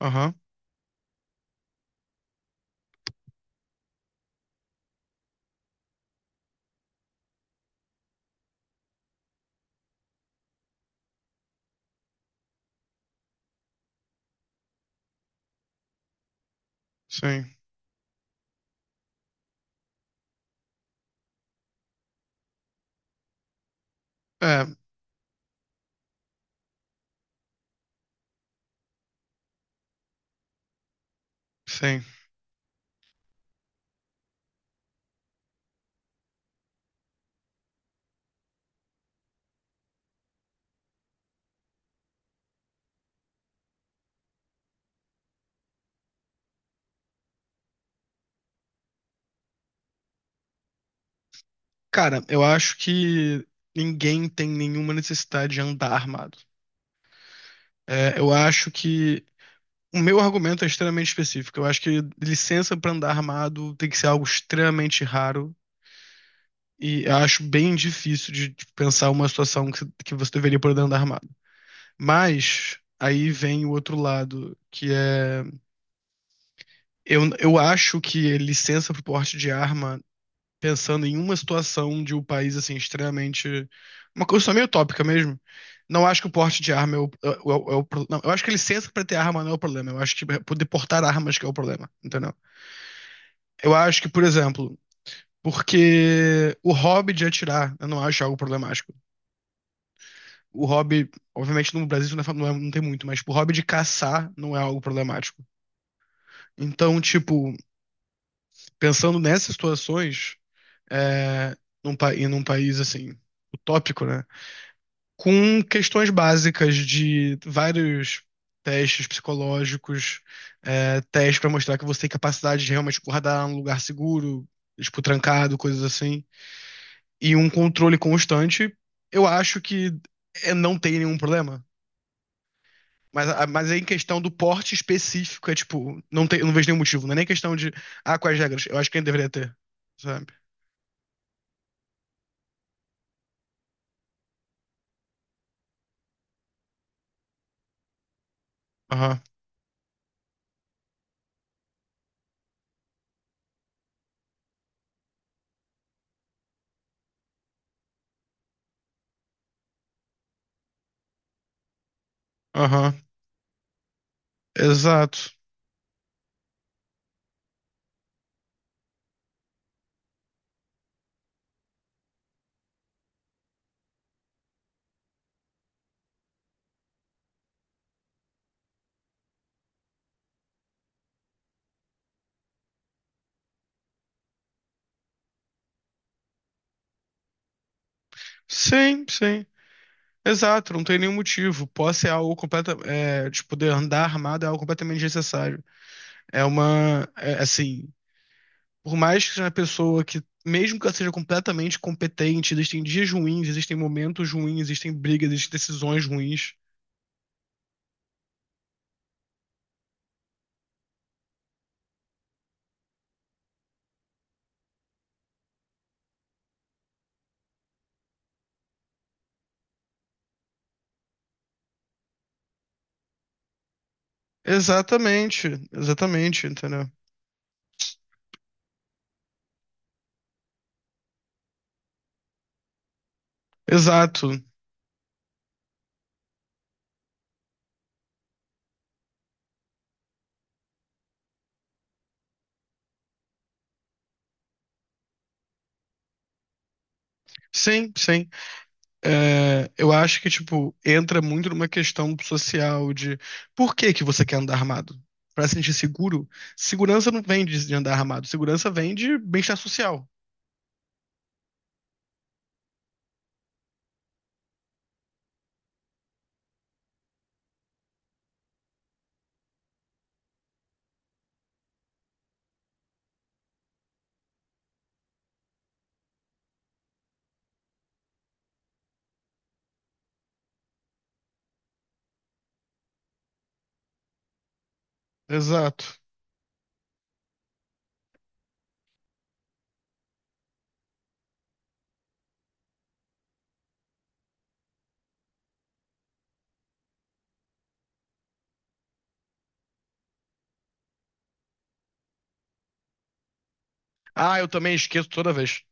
Aham, sim. É, sim. Cara, eu acho que ninguém tem nenhuma necessidade de andar armado. É, eu acho que o meu argumento é extremamente específico. Eu acho que licença pra andar armado tem que ser algo extremamente raro e eu acho bem difícil de pensar uma situação que você deveria poder andar armado. Mas aí vem o outro lado, que é eu acho que licença pro porte de arma pensando em uma situação de um país assim extremamente uma coisa só meio tópica mesmo. Não acho que o porte de arma não, eu acho que a licença para ter arma não é o problema. Eu acho que é poder portar armas que é o problema, entendeu? Eu acho que, por exemplo, porque o hobby de atirar, eu não acho algo problemático. O hobby, obviamente no Brasil isso não, não tem muito, mas tipo, o hobby de caçar não é algo problemático. Então, tipo, pensando nessas situações, é, e num país assim, utópico, né? Com questões básicas de vários testes psicológicos, testes para mostrar que você tem capacidade de realmente guardar um lugar seguro, tipo, trancado, coisas assim, e um controle constante, eu acho que não tem nenhum problema. Mas aí em questão do porte específico, é tipo, não tem, eu não vejo nenhum motivo. Não é nem questão de, ah, quais regras? Eu acho que ele deveria ter, sabe? Aham, aham, exato. Sim, sim. Exato, não tem nenhum motivo. Posse é algo completa, tipo, poder andar armado é algo completamente desnecessário. Assim, por mais que seja uma pessoa que, mesmo que ela seja completamente competente, existem dias ruins, existem momentos ruins, existem brigas, existem decisões ruins. Exatamente, exatamente, entendeu? Exato. Sim, sim. É, eu acho que, tipo, entra muito numa questão social de por que que você quer andar armado? Pra se sentir seguro? Segurança não vem de andar armado, segurança vem de bem-estar social. Exato. Ah, eu também esqueço toda vez.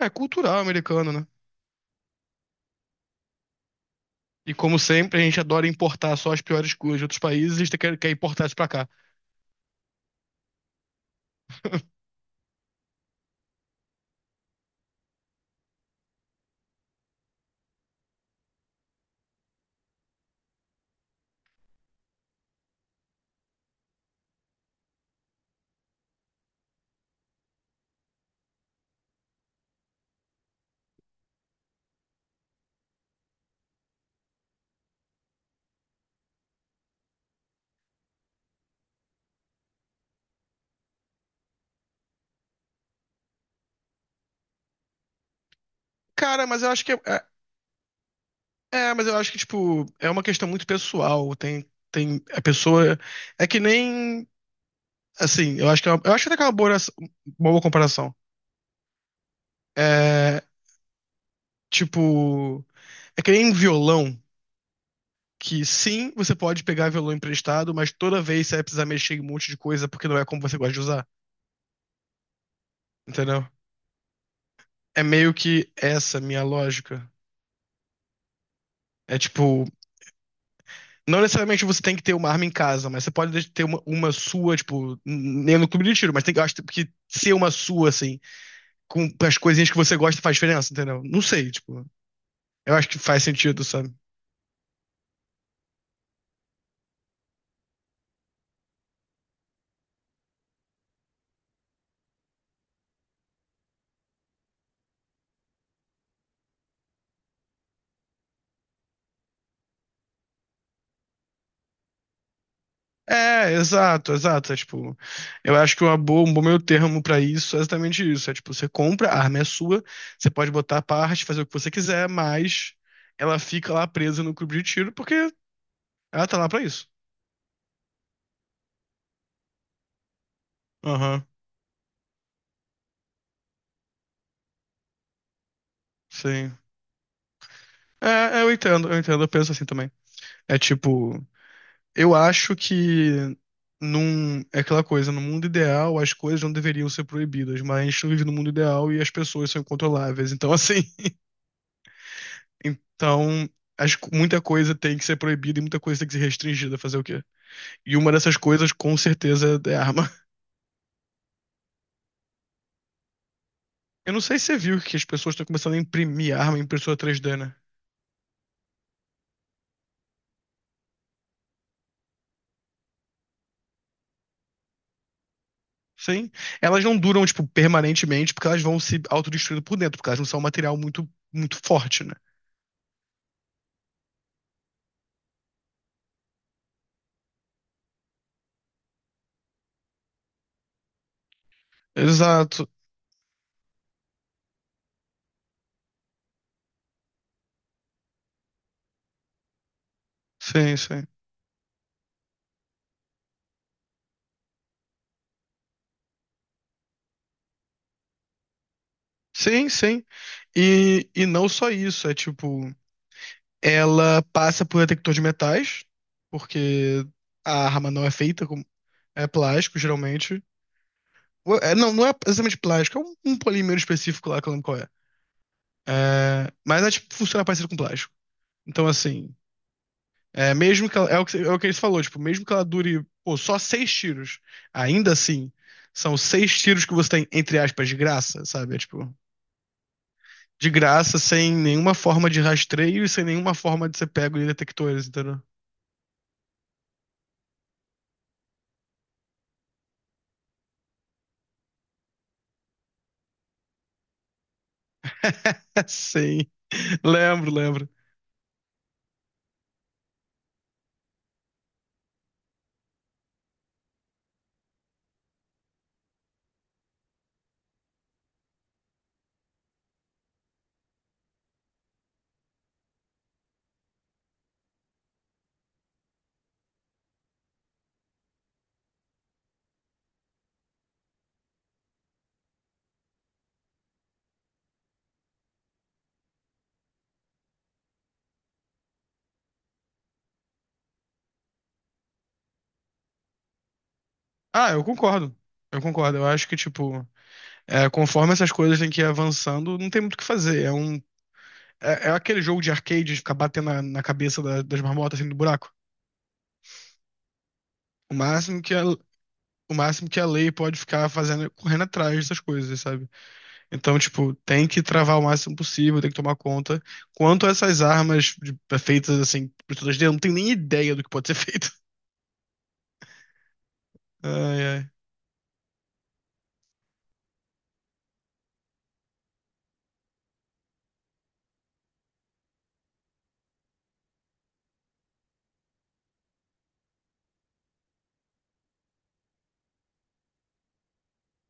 É cultural americano, né? E como sempre, a gente adora importar só as piores coisas de outros países e a gente quer importar isso pra cá. Cara, mas eu acho que tipo, é uma questão muito pessoal. Tem a pessoa. É que nem Assim, eu acho que eu acho até que é uma boa comparação. É, tipo, é que nem um violão que sim, você pode pegar violão emprestado, mas toda vez você vai precisar mexer em um monte de coisa porque não é como você gosta de usar, entendeu? É meio que essa minha lógica. É tipo, não necessariamente você tem que ter uma arma em casa, mas você pode ter uma sua, tipo, nem no clube de tiro, mas tem que, eu acho que ser uma sua, assim, com as coisinhas que você gosta faz diferença, entendeu? Não sei, tipo, eu acho que faz sentido, sabe? É, exato, exato. É, tipo, eu acho que um bom meio termo pra isso é exatamente isso. É tipo, você compra, a arma é sua, você pode botar a parte, fazer o que você quiser, mas ela fica lá presa no clube de tiro porque ela tá lá pra isso. Aham, sim. Eu entendo, eu entendo, eu penso assim também. É tipo, eu acho que é aquela coisa, no mundo ideal as coisas não deveriam ser proibidas, mas a gente não vive no mundo ideal e as pessoas são incontroláveis. Então, acho que muita coisa tem que ser proibida e muita coisa tem que ser restringida. Fazer o quê? E uma dessas coisas, com certeza, é arma. Eu não sei se você viu que as pessoas estão começando a imprimir arma em impressora 3D, né? Sim. Elas não duram, tipo, permanentemente, porque elas vão se autodestruindo por dentro, porque elas não são um material muito, muito forte, né? Exato. Sim, sim. Sim, sim. E não só isso, é tipo, ela passa por detector de metais, porque a arma não é feita com, é plástico, geralmente. É, não, não é exatamente plástico, é um polímero específico lá que eu não lembro qual é. É, mas ela, tipo, funciona parecido com plástico. Então, assim, é o que ele falou, tipo, mesmo que ela dure, pô, só seis tiros, ainda assim, são seis tiros que você tem, entre aspas, de graça, sabe? É, tipo, de graça, sem nenhuma forma de rastreio e sem nenhuma forma de ser pego em detectores, entendeu? É, sim. Lembro, lembro. Ah, eu concordo. Eu concordo. Eu acho que, tipo, conforme essas coisas têm que ir avançando, não tem muito o que fazer. É aquele jogo de arcade de ficar batendo na cabeça das marmotas assim do buraco. O máximo que a lei pode ficar fazendo é correndo atrás dessas coisas, sabe? Então, tipo, tem que travar o máximo possível, tem que tomar conta. Quanto a essas armas é feitas assim, por todas dentro, não tem nem ideia do que pode ser feito. Ai, ai.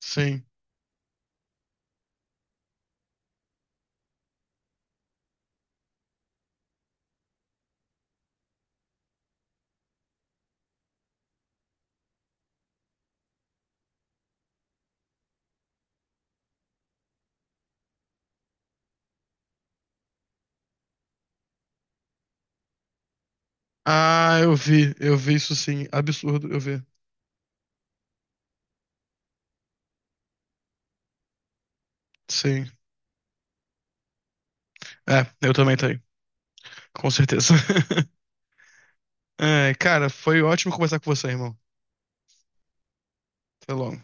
Sim. Ah, eu vi isso sim. Absurdo, eu vi. Sim. É, eu também tenho. Com certeza. É, cara, foi ótimo conversar com você, irmão. Até logo.